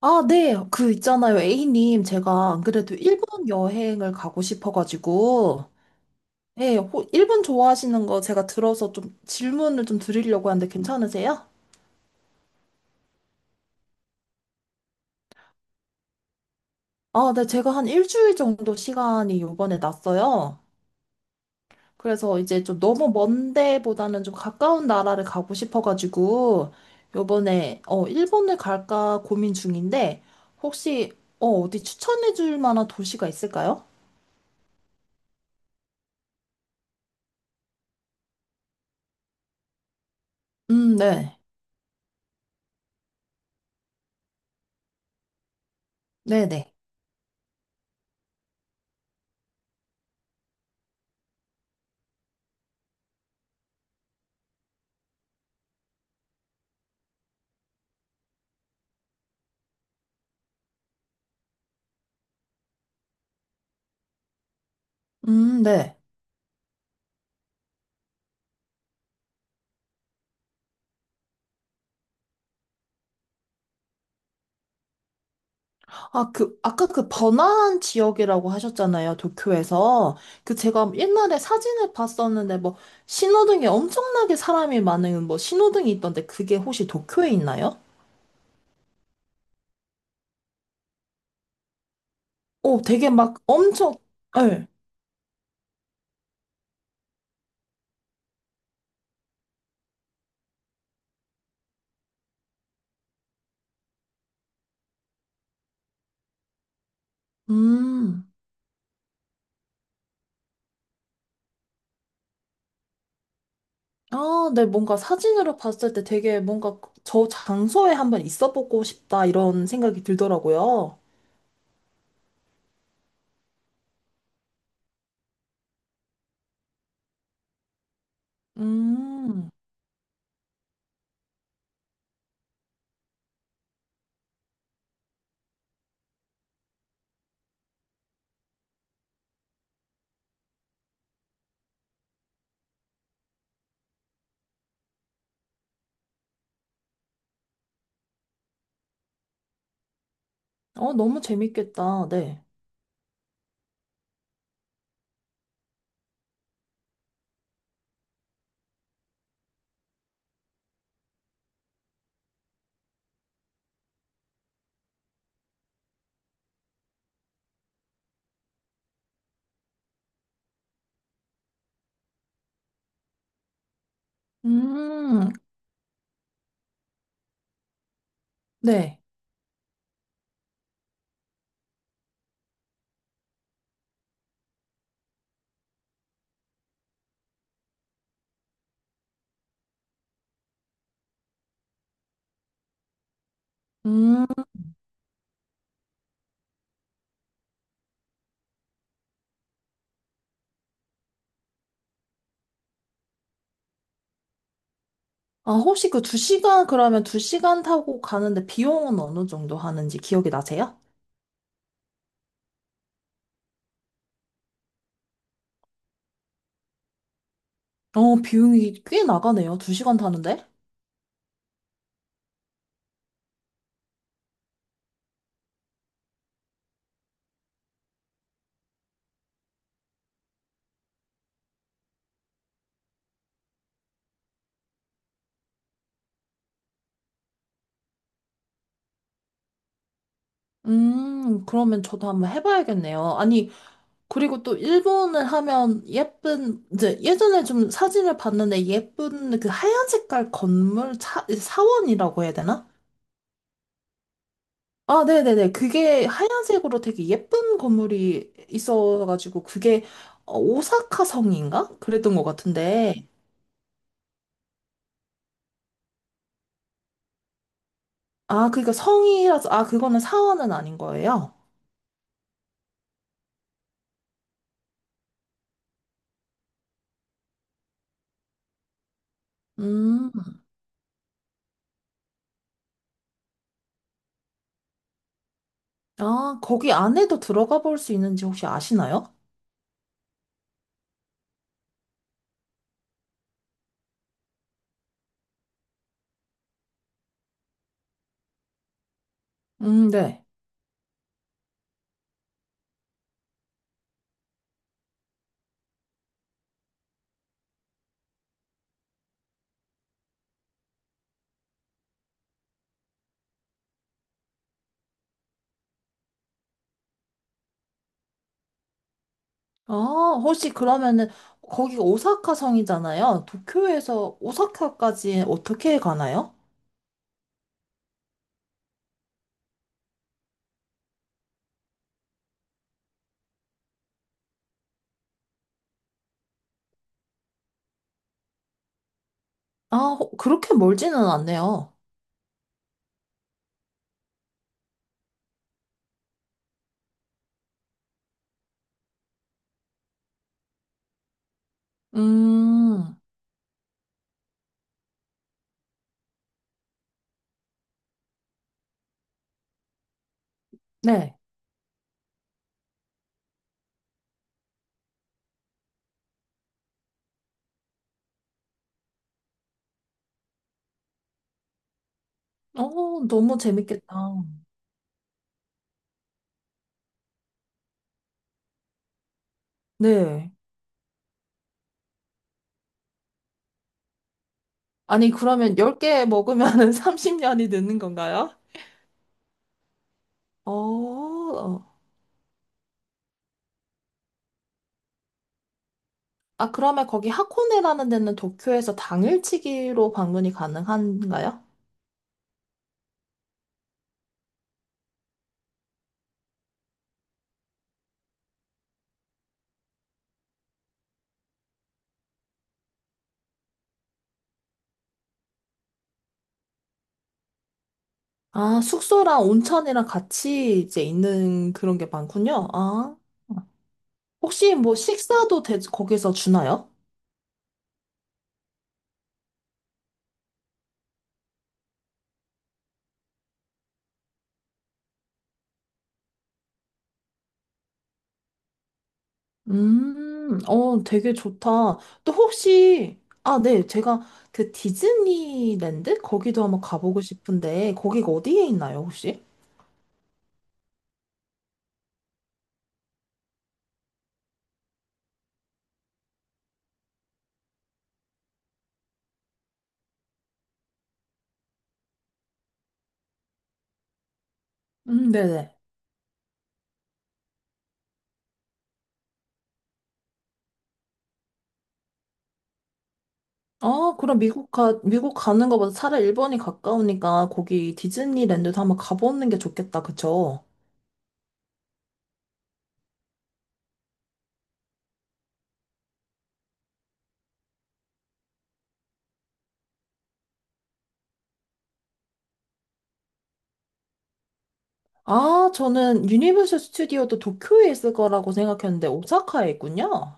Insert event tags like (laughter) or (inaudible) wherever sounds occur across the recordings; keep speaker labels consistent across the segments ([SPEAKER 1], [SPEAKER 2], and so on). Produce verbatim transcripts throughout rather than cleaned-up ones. [SPEAKER 1] 아, 네. 그 있잖아요. A님, 제가 안 그래도 일본 여행을 가고 싶어가지고, 네, 호- 일본 좋아하시는 거 제가 들어서 좀 질문을 좀 드리려고 하는데 괜찮으세요? 아, 네. 제가 한 일주일 정도 시간이 요번에 났어요. 그래서 이제 좀 너무 먼 데보다는 좀 가까운 나라를 가고 싶어가지고, 요번에, 어, 일본을 갈까 고민 중인데, 혹시, 어, 어디 추천해 줄 만한 도시가 있을까요? 음, 네. 네네. 음, 네. 아, 그, 아까 그 번화한 지역이라고 하셨잖아요, 도쿄에서. 그 제가 옛날에 사진을 봤었는데, 뭐, 신호등에 엄청나게 사람이 많은 뭐, 신호등이 있던데, 그게 혹시 도쿄에 있나요? 오, 되게 막 엄청, 예. 음. 아, 네, 뭔가 사진으로 봤을 때 되게 뭔가 저 장소에 한번 있어 보고 싶다, 이런 생각이 들더라고요. 음. 어, 너무 재밌겠다, 네. 음, 네. 음. 아, 혹시 그 두 시간 그러면 두 시간 타고 가는데 비용은 어느 정도 하는지 기억이 나세요? 어, 비용이 꽤 나가네요. 두 시간 타는데? 음, 그러면 저도 한번 해봐야겠네요. 아니, 그리고 또 일본을 하면 예쁜, 이제 예전에 좀 사진을 봤는데 예쁜 그 하얀 색깔 건물 사, 사원이라고 해야 되나? 아, 네네네. 그게 하얀색으로 되게 예쁜 건물이 있어가지고 그게 어, 오사카 성인가? 그랬던 것 같은데. 아, 그러니까 성이라서, 아, 그거는 사원은 아닌 거예요? 음, 아, 거기 안에도 들어가 볼 수 있는지 혹시 아시나요? 음, 네. 아, 혹시 그러면은, 거기가 오사카 성이잖아요. 도쿄에서 오사카까지 어떻게 가나요? 아, 호- 그렇게 멀지는 않네요. 음, 네. 어, 너무 재밌겠다. 네. 아니, 그러면 열 개 먹으면은 삼십 년이 (laughs) 느는 건가요? 어, 아, 그러면 거기 하코네라는 데는 도쿄에서 당일치기로 방문이 가능한가요? 아, 숙소랑 온천이랑 같이 이제 있는 그런 게 많군요. 아, 혹시 뭐 식사도 대- 거기서 주나요? 음, 어, 되게 좋다. 또 혹시, 아, 네, 제가 그 디즈니랜드? 거기도 한번 가보고 싶은데, 거기가 어디에 있나요, 혹시? 음, 네네. 아, 그럼 미국 가, 미국 가는 거보다 차라리 일본이 가까우니까 거기 디즈니랜드도 한번 가보는 게 좋겠다, 그쵸? 아, 저는 유니버설 스튜디오도 도쿄에 있을 거라고 생각했는데 오사카에 있군요.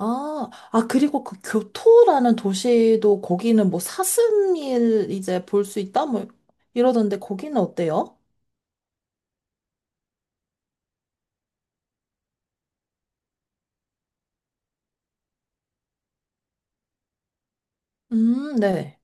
[SPEAKER 1] 아, 아, 그리고 그 교토라는 도시도 거기는 뭐 사슴일 이제 볼 수 있다? 뭐 이러던데 거기는 어때요? 음, 네.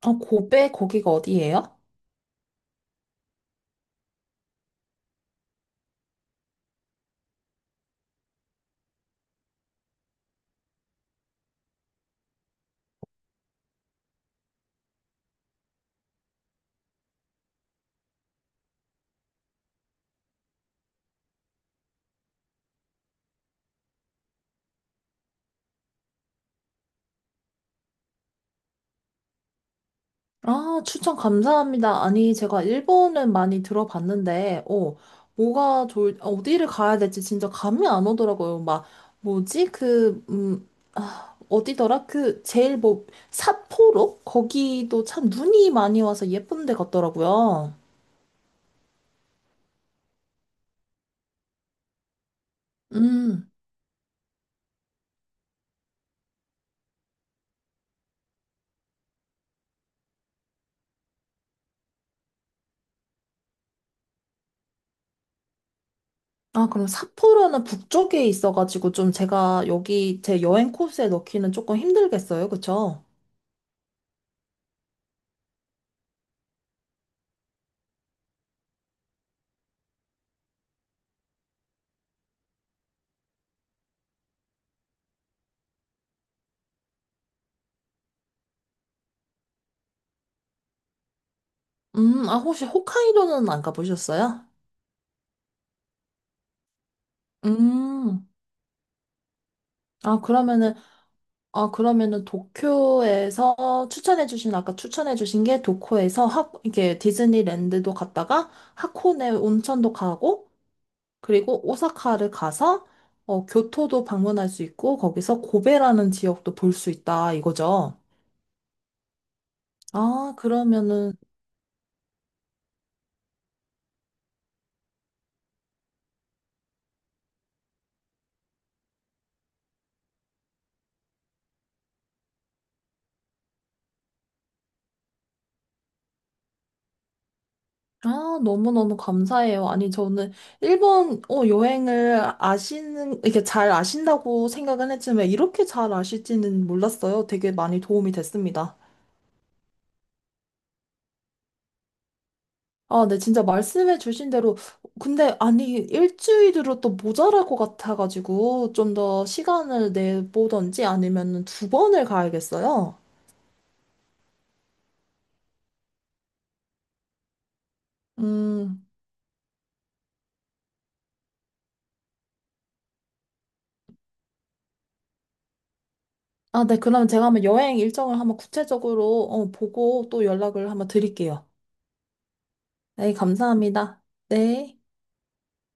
[SPEAKER 1] 아, 고베 거기가 어디예요? 아, 추천 감사합니다. 아니, 제가 일본은 많이 들어봤는데, 어, 뭐가 좋을, 어, 어디를 가야 될지 진짜 감이 안 오더라고요. 막, 뭐지? 그, 음, 아, 어디더라? 그, 제일 뭐, 삿포로? 거기도 참 눈이 많이 와서 예쁜 데 같더라고요. 음. 아, 그럼 삿포로는 북쪽에 있어가지고 좀 제가 여기 제 여행 코스에 넣기는 조금 힘들겠어요. 그쵸? 음, 아, 혹시 홋카이도는 안 가보셨어요? 음. 아, 그러면은 아, 그러면은 도쿄에서 추천해주신, 아까 추천해주신 게 도쿄에서 하, 이게 디즈니랜드도 갔다가 하코네 온천도 가고, 그리고 오사카를 가서, 어, 교토도 방문할 수 있고, 거기서 고베라는 지역도 볼 수 있다, 이거죠. 아, 그러면은, 아, 너무너무 감사해요. 아니, 저는 일본, 어, 여행을 아시는, 이렇게 잘 아신다고 생각은 했지만, 이렇게 잘 아실지는 몰랐어요. 되게 많이 도움이 됐습니다. 아, 네, 진짜 말씀해 주신 대로. 근데, 아니, 일주일으로 또 모자랄 것 같아가지고, 좀 더 시간을 내보던지 아니면 두 번을 가야겠어요. 음, 아, 네, 그럼 제가 한번 여행 일정을 한번 구체적으로 어, 보고 또 연락을 한번 드릴게요. 네, 감사합니다. 네.